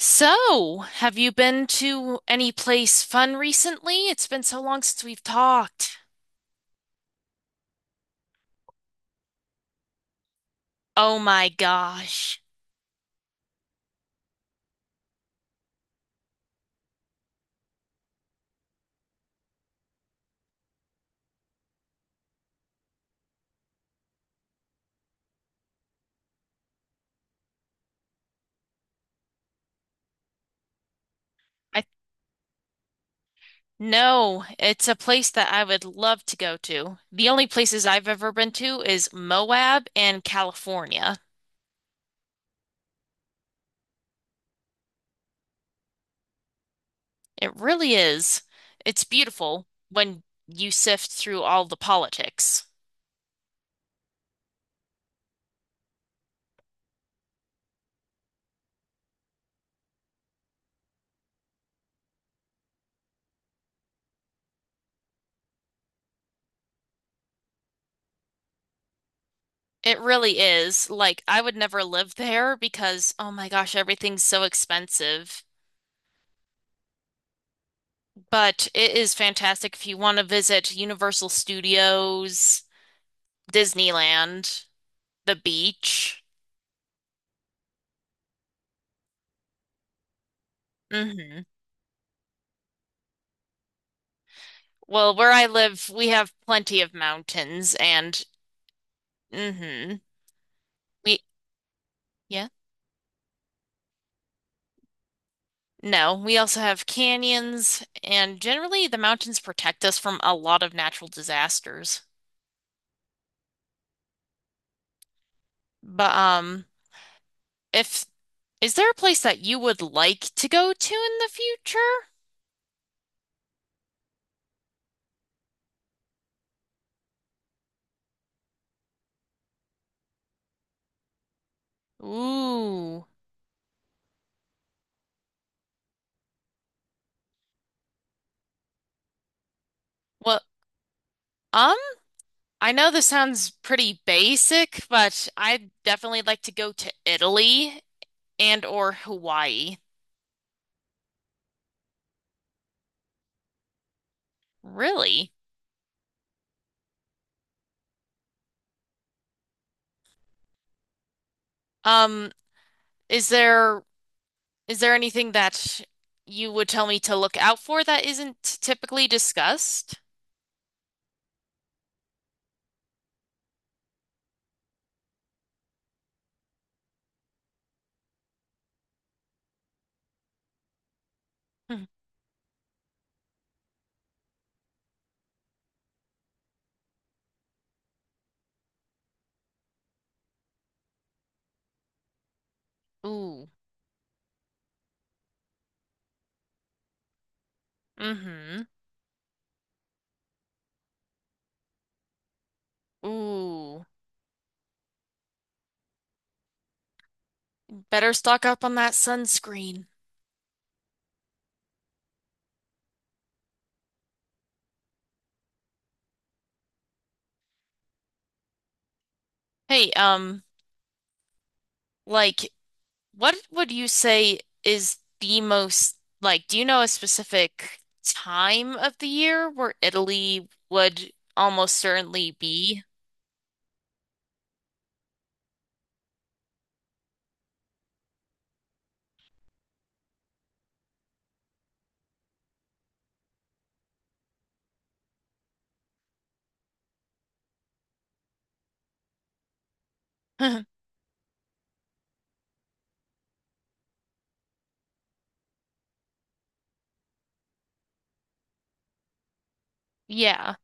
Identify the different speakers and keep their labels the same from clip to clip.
Speaker 1: So, have you been to any place fun recently? It's been so long since we've talked. Oh my gosh. I No, it's a place that I would love to go to. The only places I've ever been to is Moab and California. It really is. It's beautiful when you sift through all the politics. It really is. Like, I would never live there because, oh my gosh, everything's so expensive. But it is fantastic if you want to visit Universal Studios, Disneyland, the beach. hmm Well, where I live, we have plenty of mountains and hmm We yeah. No, we also have canyons and generally the mountains protect us from a lot of natural disasters. But if is there a place that you would like to go to in the future? Ooh. Well, um, I know this sounds pretty basic, but I'd definitely like to go to Italy and or Hawaii. Really? Um, is there anything that you would tell me to look out for that isn't typically discussed? Hmm. Ooh. Mm-hmm. Ooh. Better stock up on that sunscreen. Hey, like what would you say is the most do you know a specific time of the year where Italy would almost certainly be? Yeah.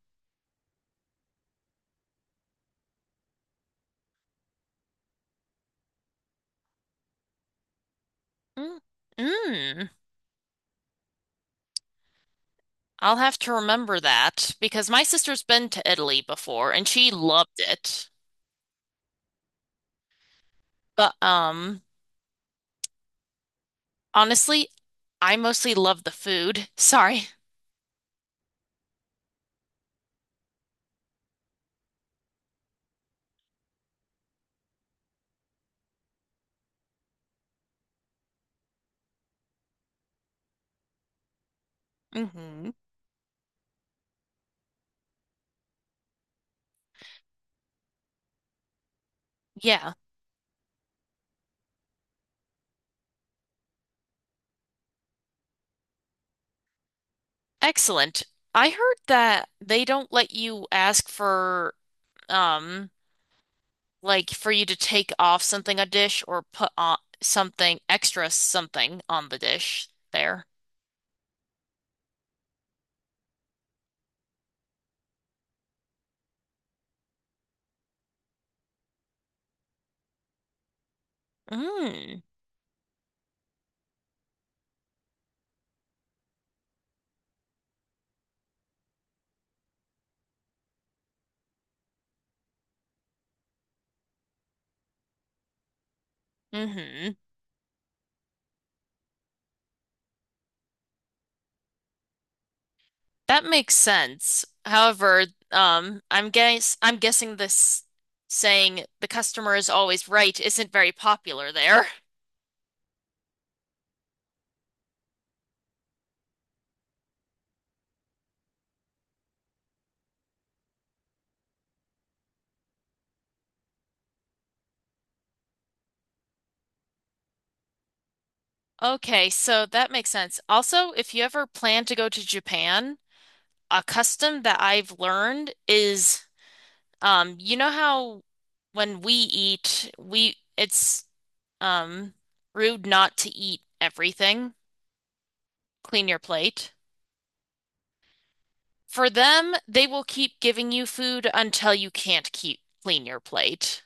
Speaker 1: Mm. Mm. I'll have to remember that because my sister's been to Italy before and she loved it. But Honestly, I mostly love the food. Sorry. hmm Yeah, excellent. I heard that they don't let you ask for um for you to take off something a dish or put on something extra something on the dish there. Mm. hmm That makes sense. However, um, I'm guessing this saying the customer is always right isn't very popular there. Okay, so that makes sense. Also, if you ever plan to go to Japan, a custom that I've learned is, you know how when we eat, we it's Um, rude not to eat everything. Clean your plate. For them, they will keep giving you food until you can't keep clean your plate.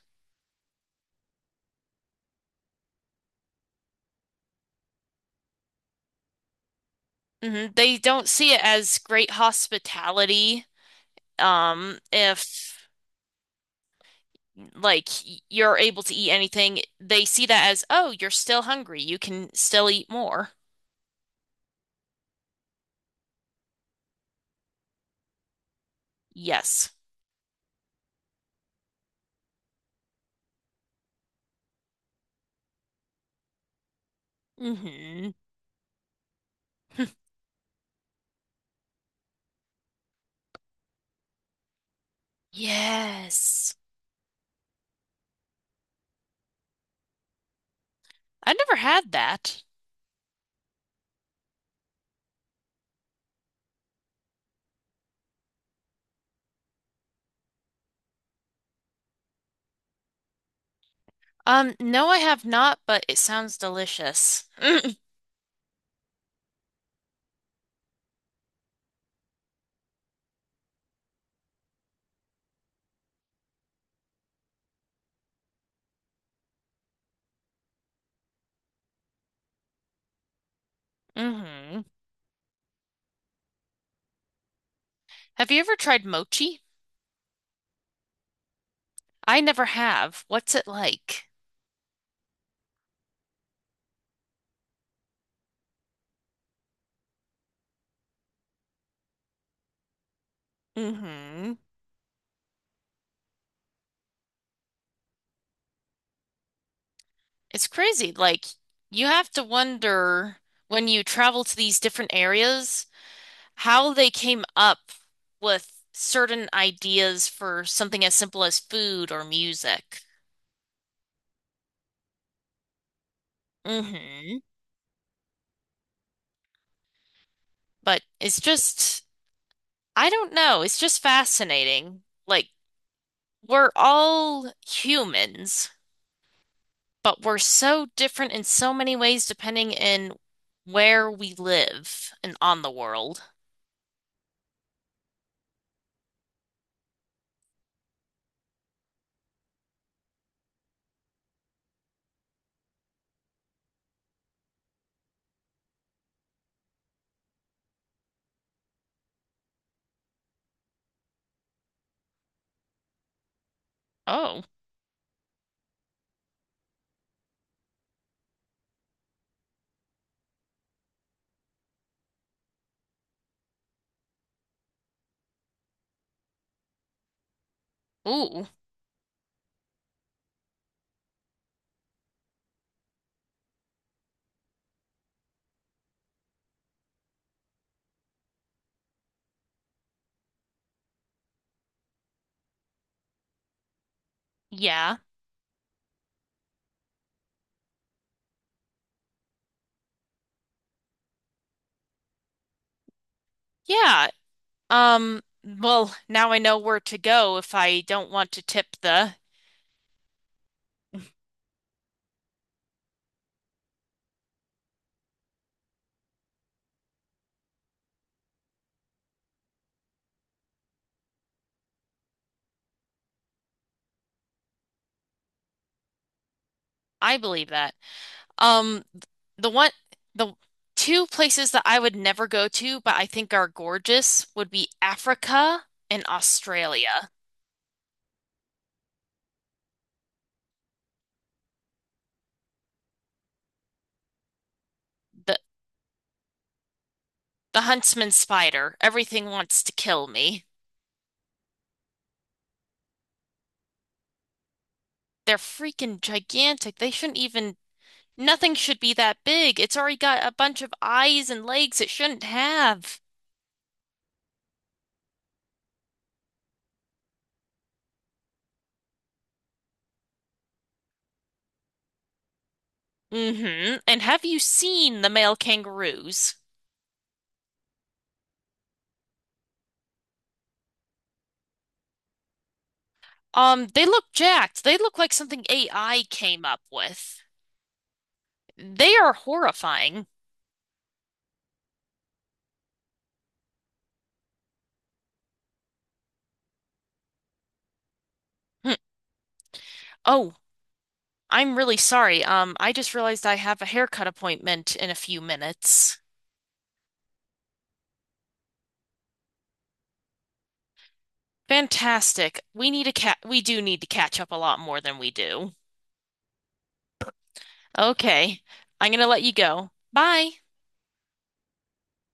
Speaker 1: Mhm. They don't see it as great hospitality. If like You're able to eat anything, they see that as, oh, you're still hungry. You can still eat more. Yes. hmm Yes. I've never had that. No, I have not, but it sounds delicious. Mm-hmm. Have you ever tried mochi? I never have. What's it like? Mm-hmm. It's crazy. Like, you have to wonder when you travel to these different areas how they came up with certain ideas for something as simple as food or music. Mm-hmm. But it's just, I don't know. It's just fascinating. Like, we're all humans, but we're so different in so many ways depending in where we live and on the world. Oh, ooh, yeah, yeah. Well, now I know where to go if I don't want to tip the. I believe that. Um, the one, the two places that I would never go to, but I think are gorgeous, would be Africa and Australia. The the huntsman spider. Everything wants to kill me. They're freaking gigantic. They shouldn't even Nothing should be that big. It's already got a bunch of eyes and legs it shouldn't have. Mm-hmm. And have you seen the male kangaroos? They look jacked. They look like something AI came up with. They are horrifying. Hm. Oh, I'm really sorry. I just realized I have a haircut appointment in a few minutes. Fantastic. We need a cat. We do need to catch up a lot more than we do. Okay. I'm gonna let you go. Bye.